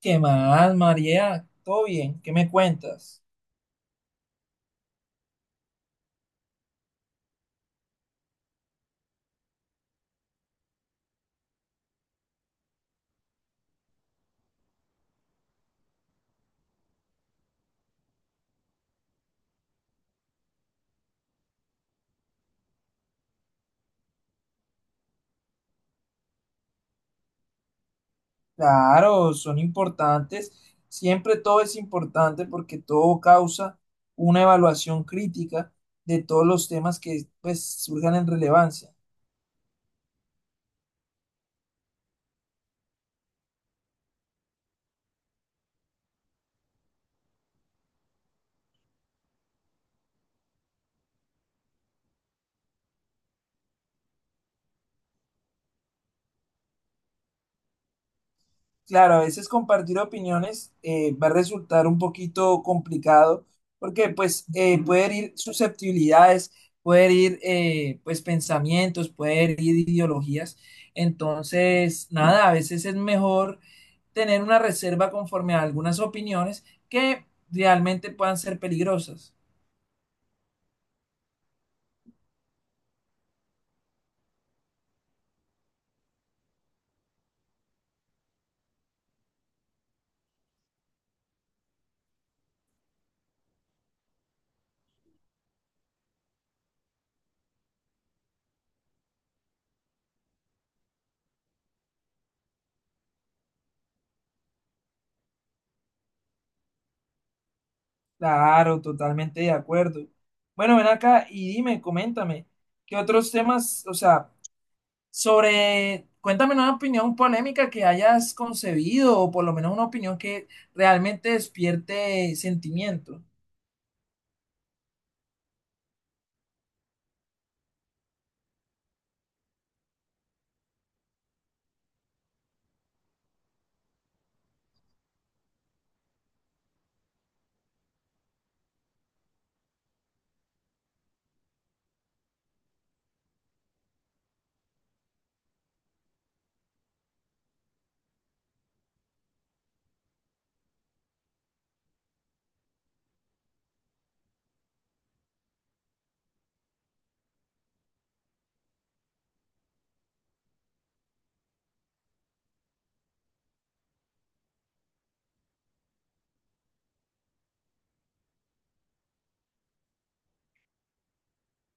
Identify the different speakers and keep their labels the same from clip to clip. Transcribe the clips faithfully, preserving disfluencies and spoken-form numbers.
Speaker 1: ¿Qué más, María? ¿Todo bien? ¿Qué me cuentas? Claro, son importantes. Siempre todo es importante porque todo causa una evaluación crítica de todos los temas que pues, surjan en relevancia. Claro, a veces compartir opiniones eh, va a resultar un poquito complicado porque pues eh, puede herir susceptibilidades, puede herir eh, pues pensamientos, puede herir ideologías. Entonces, nada, a veces es mejor tener una reserva conforme a algunas opiniones que realmente puedan ser peligrosas. Claro, totalmente de acuerdo. Bueno, ven acá y dime, coméntame, ¿qué otros temas, o sea, sobre, cuéntame una opinión polémica que hayas concebido o por lo menos una opinión que realmente despierte sentimiento?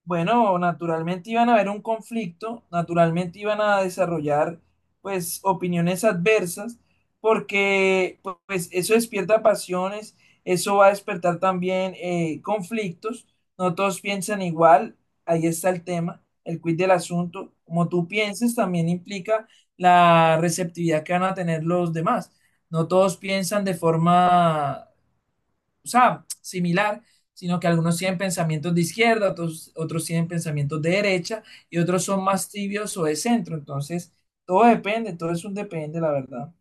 Speaker 1: Bueno, naturalmente iban a haber un conflicto, naturalmente iban a desarrollar pues opiniones adversas, porque pu- pues eso despierta pasiones, eso va a despertar también eh, conflictos, no todos piensan igual, ahí está el tema, el quid del asunto, como tú pienses también implica la receptividad que van a tener los demás, no todos piensan de forma o sea, similar, sino que algunos tienen pensamientos de izquierda, otros, otros tienen pensamientos de derecha y otros son más tibios o de centro. Entonces, todo depende, todo es un depende, la verdad.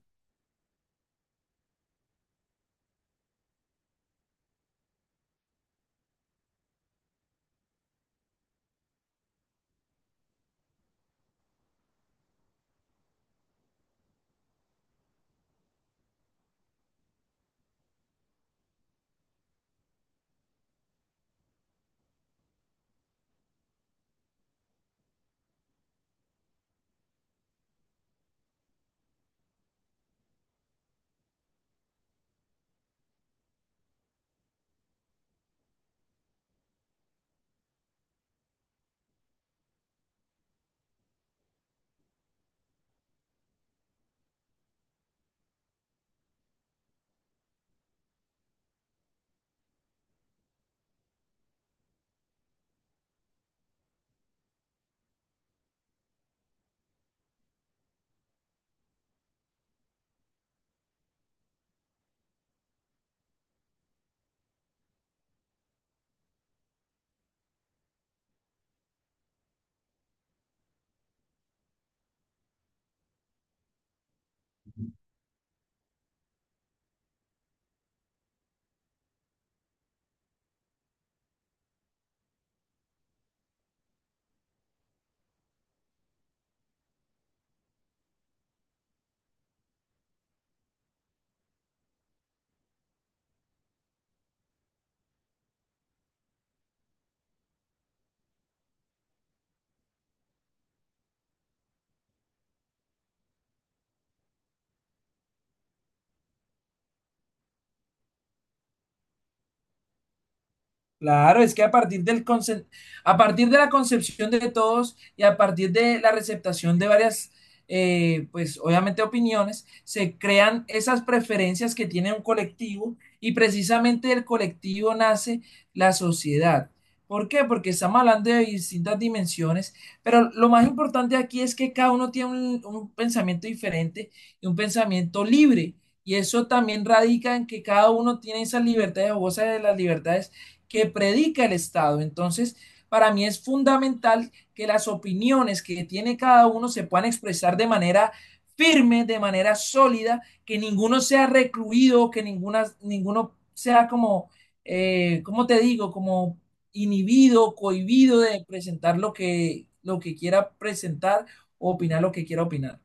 Speaker 1: Claro, es que a partir del concep- a partir de la concepción de todos y a partir de la receptación de varias, eh, pues obviamente opiniones, se crean esas preferencias que tiene un colectivo y precisamente del colectivo nace la sociedad. ¿Por qué? Porque estamos hablando de distintas dimensiones, pero lo más importante aquí es que cada uno tiene un, un pensamiento diferente y un pensamiento libre. Y eso también radica en que cada uno tiene esas libertades o goza de las libertades que predica el Estado. Entonces, para mí es fundamental que las opiniones que tiene cada uno se puedan expresar de manera firme, de manera sólida, que ninguno sea recluido, que ninguna, ninguno sea como, eh, ¿cómo te digo? Como inhibido, cohibido de presentar lo que, lo que quiera presentar o opinar lo que quiera opinar.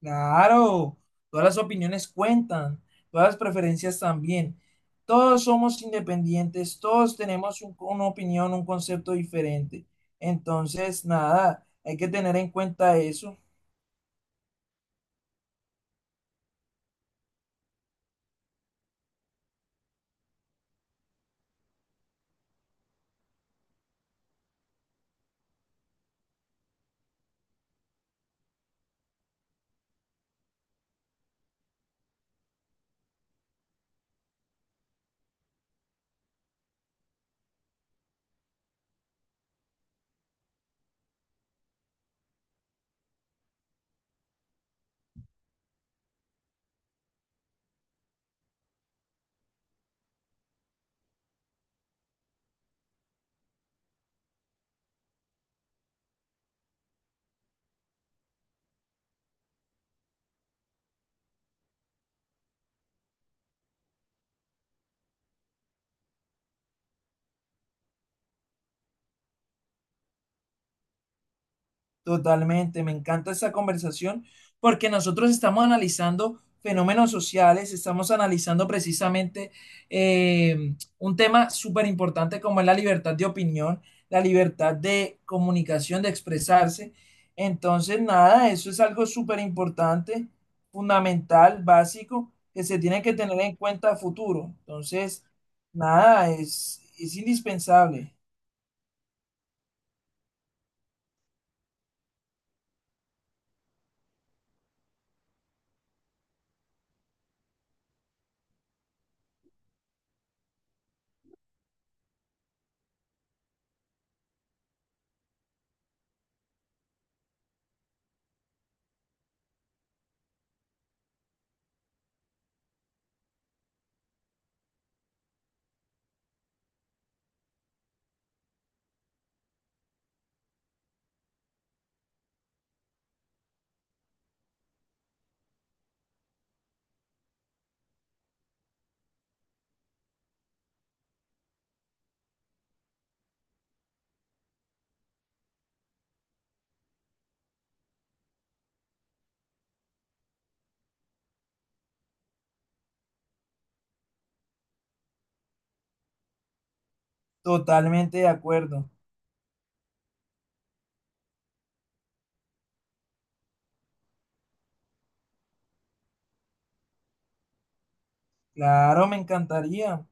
Speaker 1: Claro, todas las opiniones cuentan, todas las preferencias también. Todos somos independientes, todos tenemos un- una opinión, un concepto diferente. Entonces, nada, hay que tener en cuenta eso. Totalmente, me encanta esa conversación porque nosotros estamos analizando fenómenos sociales, estamos analizando precisamente eh, un tema súper importante como es la libertad de opinión, la libertad de comunicación, de expresarse. Entonces, nada, eso es algo súper importante, fundamental, básico, que se tiene que tener en cuenta a futuro. Entonces, nada, es, es indispensable. Totalmente de acuerdo. Claro, me encantaría.